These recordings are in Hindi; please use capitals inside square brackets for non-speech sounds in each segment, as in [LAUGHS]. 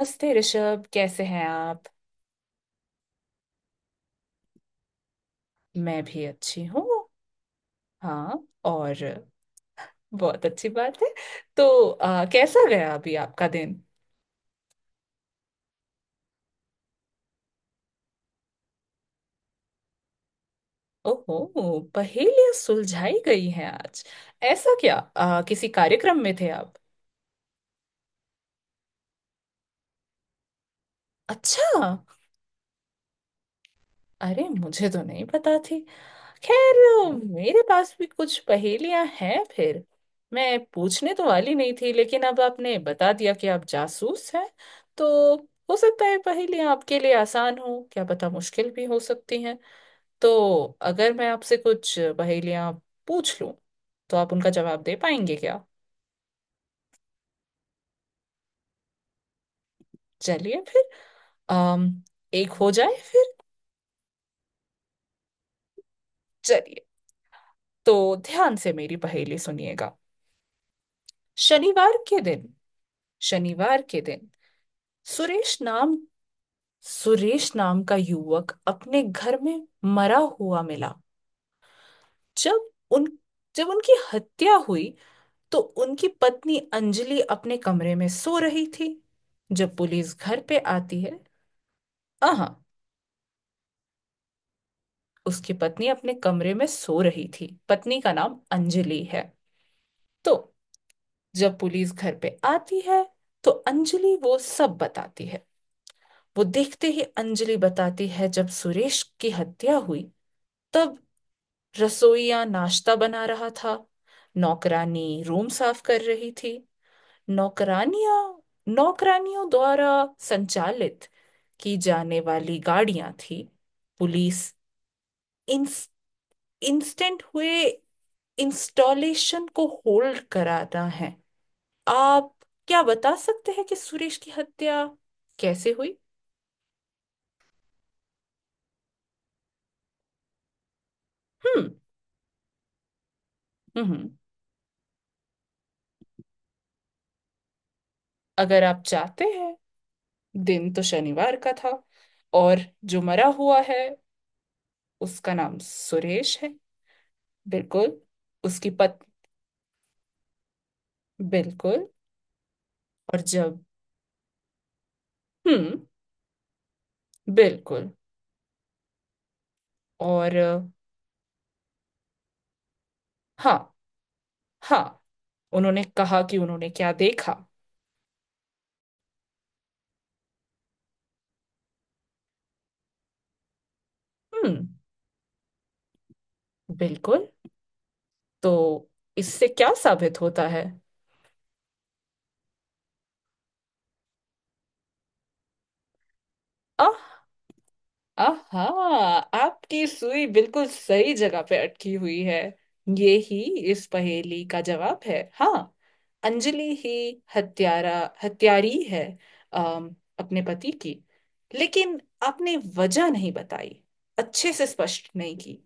नमस्ते ऋषभ, कैसे हैं आप? मैं भी अच्छी हूँ। हाँ। और बहुत अच्छी बात है। तो कैसा गया अभी आपका दिन? ओहो, पहेलियां सुलझाई गई हैं आज। ऐसा क्या, किसी कार्यक्रम में थे आप? अच्छा। अरे, मुझे तो नहीं पता थी। खैर, मेरे पास भी कुछ पहेलियां हैं फिर। मैं पूछने तो वाली नहीं थी, लेकिन अब आपने बता दिया कि आप जासूस हैं। तो हो सकता है पहेलियां आपके लिए आसान हो, क्या पता मुश्किल भी हो सकती हैं। तो अगर मैं आपसे कुछ पहेलियां पूछ लूं, तो आप उनका जवाब दे पाएंगे क्या? चलिए फिर। अम एक हो जाए फिर। चलिए। तो ध्यान से मेरी पहेली सुनिएगा। शनिवार के दिन शनिवार के दिन सुरेश नाम सुरेश नाम का युवक अपने घर में मरा हुआ मिला। जब उन जब उनकी हत्या हुई, तो उनकी पत्नी अंजलि अपने कमरे में सो रही थी। जब पुलिस घर पे आती है। आहा। उसकी पत्नी अपने कमरे में सो रही थी, पत्नी का नाम अंजलि है। तो जब पुलिस घर पे आती है, तो अंजलि वो सब बताती है। वो देखते ही अंजलि बताती है जब सुरेश की हत्या हुई, तब रसोईया नाश्ता बना रहा था, नौकरानी रूम साफ कर रही थी। नौकरानियां, नौकरानियों द्वारा संचालित की जाने वाली गाड़ियां थी। पुलिस इंस, इंस्टेंट हुए इंस्टॉलेशन को होल्ड कराता है। आप क्या बता सकते हैं कि सुरेश की हत्या कैसे हुई? हम्म। हम्म। अगर आप चाहते हैं, दिन तो शनिवार का था। और जो मरा हुआ है उसका नाम सुरेश है। बिल्कुल। उसकी पत। बिल्कुल। और जब। हम्म। बिल्कुल। और हाँ हाँ। उन्होंने कहा कि उन्होंने क्या देखा। हम्म। बिल्कुल। तो इससे क्या साबित होता है? आहा, आपकी सुई बिल्कुल सही जगह पे अटकी हुई है। ये ही इस पहेली का जवाब है, हाँ। अंजलि ही हत्यारा हत्यारी है। अम, अपने पति की। लेकिन आपने वजह नहीं बताई, अच्छे से स्पष्ट नहीं की।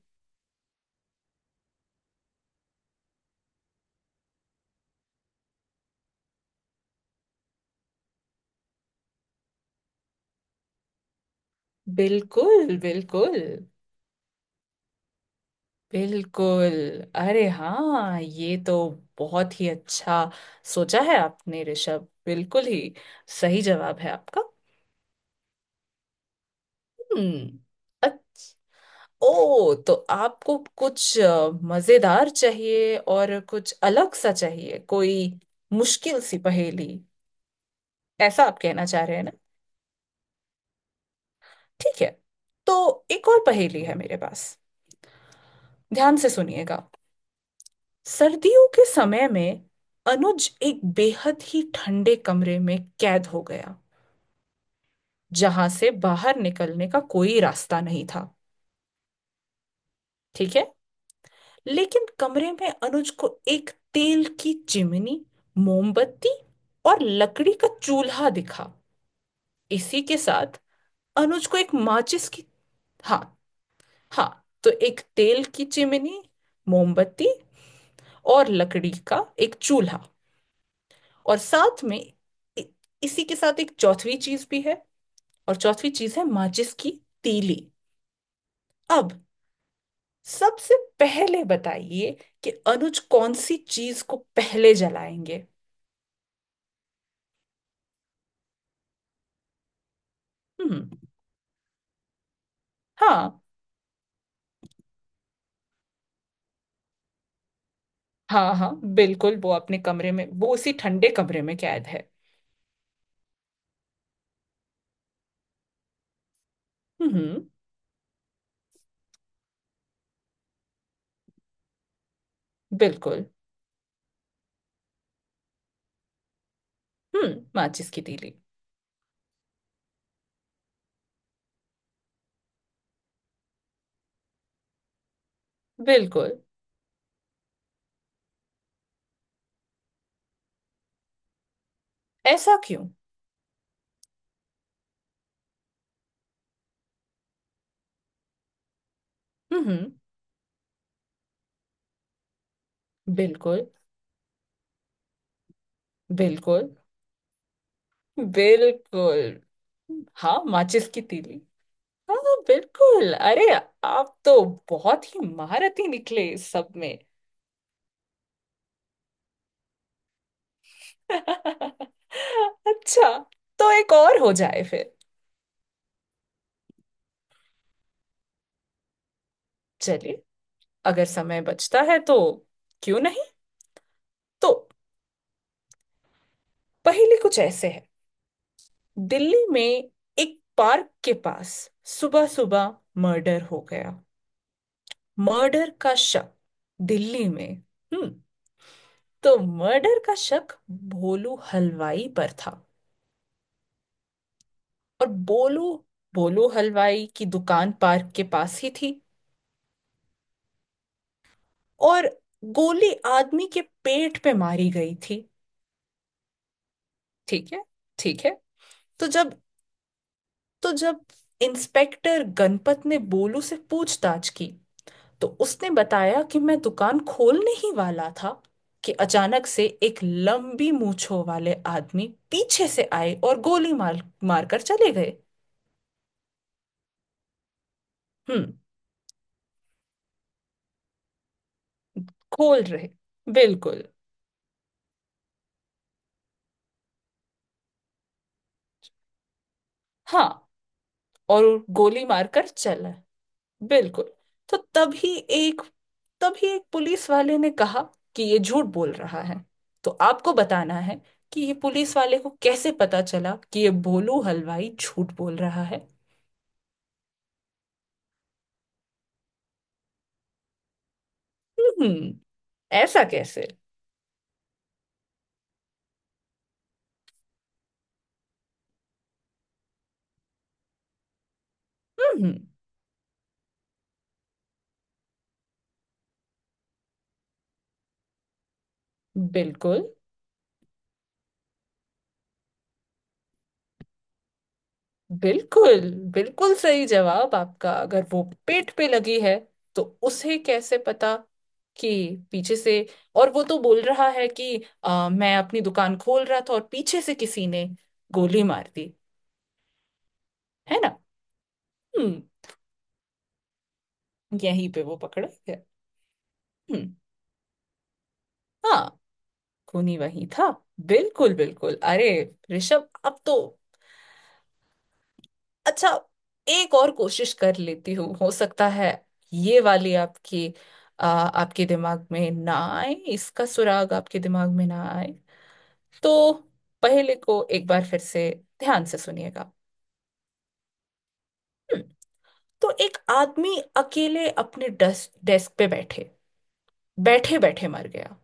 बिल्कुल, बिल्कुल। बिल्कुल, अरे हाँ, ये तो बहुत ही अच्छा सोचा है आपने ऋषभ, बिल्कुल ही सही जवाब है आपका। हम्म। अच्छ- ओ, तो आपको कुछ मजेदार चाहिए और कुछ अलग सा चाहिए, कोई मुश्किल सी पहेली। ऐसा आप कहना चाह रहे हैं ना? ठीक है। तो एक और पहेली है मेरे पास। ध्यान से सुनिएगा। सर्दियों के समय में अनुज एक बेहद ही ठंडे कमरे में कैद हो गया, जहां से बाहर निकलने का कोई रास्ता नहीं था। ठीक है। लेकिन कमरे में अनुज को एक तेल की चिमनी, मोमबत्ती और लकड़ी का चूल्हा दिखा। इसी के साथ अनुज को एक माचिस की। हाँ हाँ। तो एक तेल की चिमनी, मोमबत्ती और लकड़ी का एक चूल्हा। और साथ में इ- इसी के साथ एक चौथी चीज भी है। और चौथी चीज है माचिस की तीली। अब सबसे पहले बताइए कि अनुज कौन सी चीज को पहले जलाएंगे? हम्म। हाँ हाँ। हाँ बिल्कुल, वो अपने कमरे में, वो उसी ठंडे कमरे में कैद है। हम्म। बिल्कुल। हम्म, माचिस की तीली। बिल्कुल। ऐसा क्यों? हम्म। बिल्कुल। बिल्कुल। बिल्कुल। हाँ माचिस की तीली। हाँ बिल्कुल, अरे आप तो बहुत ही महारथी निकले इस सब में। [LAUGHS] अच्छा। तो एक और हो जाए फिर। चलिए, अगर समय बचता है तो, क्यों नहीं। तो पहेली कुछ ऐसे है। दिल्ली में एक पार्क के पास सुबह सुबह मर्डर हो गया। मर्डर का शक दिल्ली में। हम्म। तो मर्डर का शक भोलू हलवाई पर था। और बोलू बोलू हलवाई की दुकान पार्क के पास ही थी। और गोली आदमी के पेट पे मारी गई थी। ठीक है। ठीक है। तो जब तो जब इंस्पेक्टर गणपत ने बोलू से पूछताछ की, तो उसने बताया कि मैं दुकान खोलने ही वाला था कि अचानक से एक लंबी मूंछों वाले आदमी पीछे से आए और गोली मार, मारकर चले गए। हम्म। खोल रहे। बिल्कुल। हाँ, और गोली मारकर चला। बिल्कुल। तो तभी एक पुलिस वाले ने कहा कि ये झूठ बोल रहा है। तो आपको बताना है कि ये पुलिस वाले को कैसे पता चला कि ये भोलू हलवाई झूठ बोल रहा है। हम्म। ऐसा कैसे? हम्म। बिल्कुल। बिल्कुल। बिल्कुल सही जवाब आपका, अगर वो पेट पे लगी है, तो उसे कैसे पता कि पीछे से। और वो तो बोल रहा है कि मैं अपनी दुकान खोल रहा था और पीछे से किसी ने गोली मार दी। है ना? हम्म। यहीं पे वो पकड़ा गया। हम्म। हाँ, खूनी वही था। बिल्कुल, बिल्कुल। अरे ऋषभ, अब तो अच्छा, एक और कोशिश कर लेती हूँ। हो सकता है ये वाली आपकी, आपके दिमाग में ना आए, इसका सुराग आपके दिमाग में ना आए। तो पहले को एक बार फिर से ध्यान से सुनिएगा। हम्म। तो एक आदमी अकेले अपने डेस्क डेस्क पे बैठे बैठे बैठे मर गया।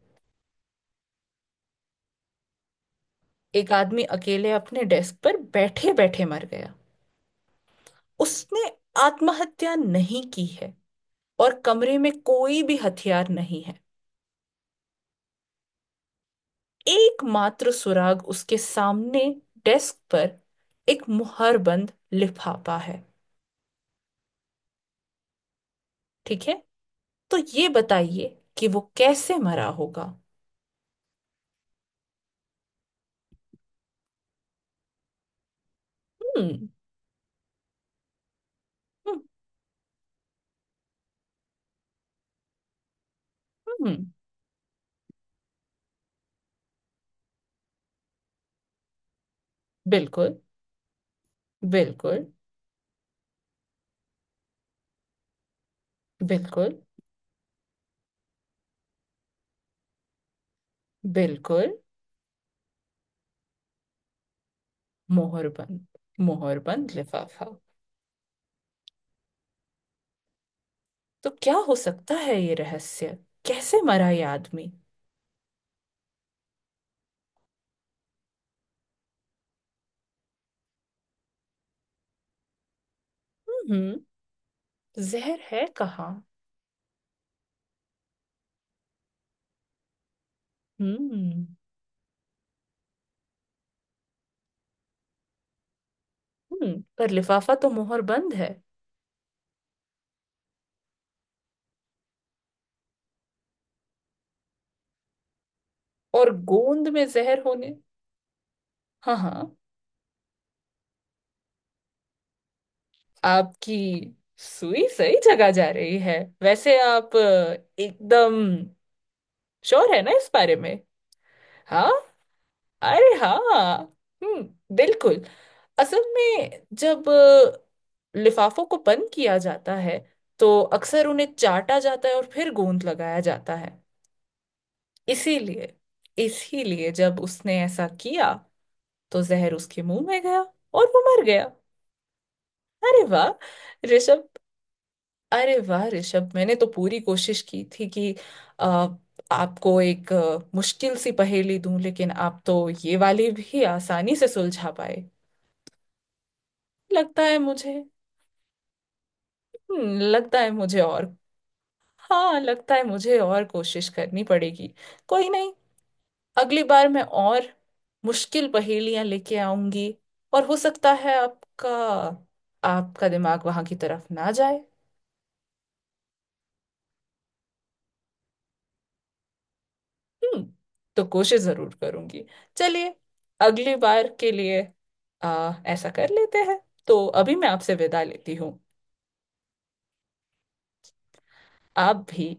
एक आदमी अकेले अपने डेस्क पर बैठे बैठे मर गया। उसने आत्महत्या नहीं की है, और कमरे में कोई भी हथियार नहीं है। एकमात्र सुराग उसके सामने डेस्क पर एक मुहर बंद लिफाफा है। ठीक है। तो ये बताइए कि वो कैसे मरा होगा? हम्म। हम्म। हम्म। बिल्कुल, बिल्कुल, बिल्कुल। बिल्कुल। मोहरबंद, मोहरबंद लिफाफा। तो क्या हो सकता है ये रहस्य, कैसे मरा ये आदमी? हम्म। जहर है कहाँ? हम्म। हम्म, पर लिफाफा तो मोहर बंद है। और गोंद में जहर होने, हाँ हाँ, आपकी सुई सही जगह जा रही है। वैसे आप एकदम श्योर है ना इस बारे में? हाँ, अरे हाँ। हम्म, बिल्कुल। असल में जब लिफाफों को बंद किया जाता है, तो अक्सर उन्हें चाटा जाता है और फिर गोंद लगाया जाता है। इसीलिए इसीलिए जब उसने ऐसा किया, तो जहर उसके मुंह में गया और वो मर गया। अरे वाह ऋषभ, मैंने तो पूरी कोशिश की थी कि आ, आपको एक मुश्किल सी पहेली दूं, लेकिन आप तो ये वाली भी आसानी से सुलझा पाए। लगता है मुझे। लगता है मुझे और, हाँ, लगता है मुझे और कोशिश करनी पड़ेगी। कोई नहीं। अगली बार मैं और मुश्किल पहेलियां लेके आऊंगी, और हो सकता है आपका, आपका दिमाग वहां की तरफ ना जाए। हम्म, तो कोशिश जरूर करूंगी। चलिए, अगली बार के लिए ऐसा कर लेते हैं। तो अभी मैं आपसे विदा लेती हूँ। आप भी।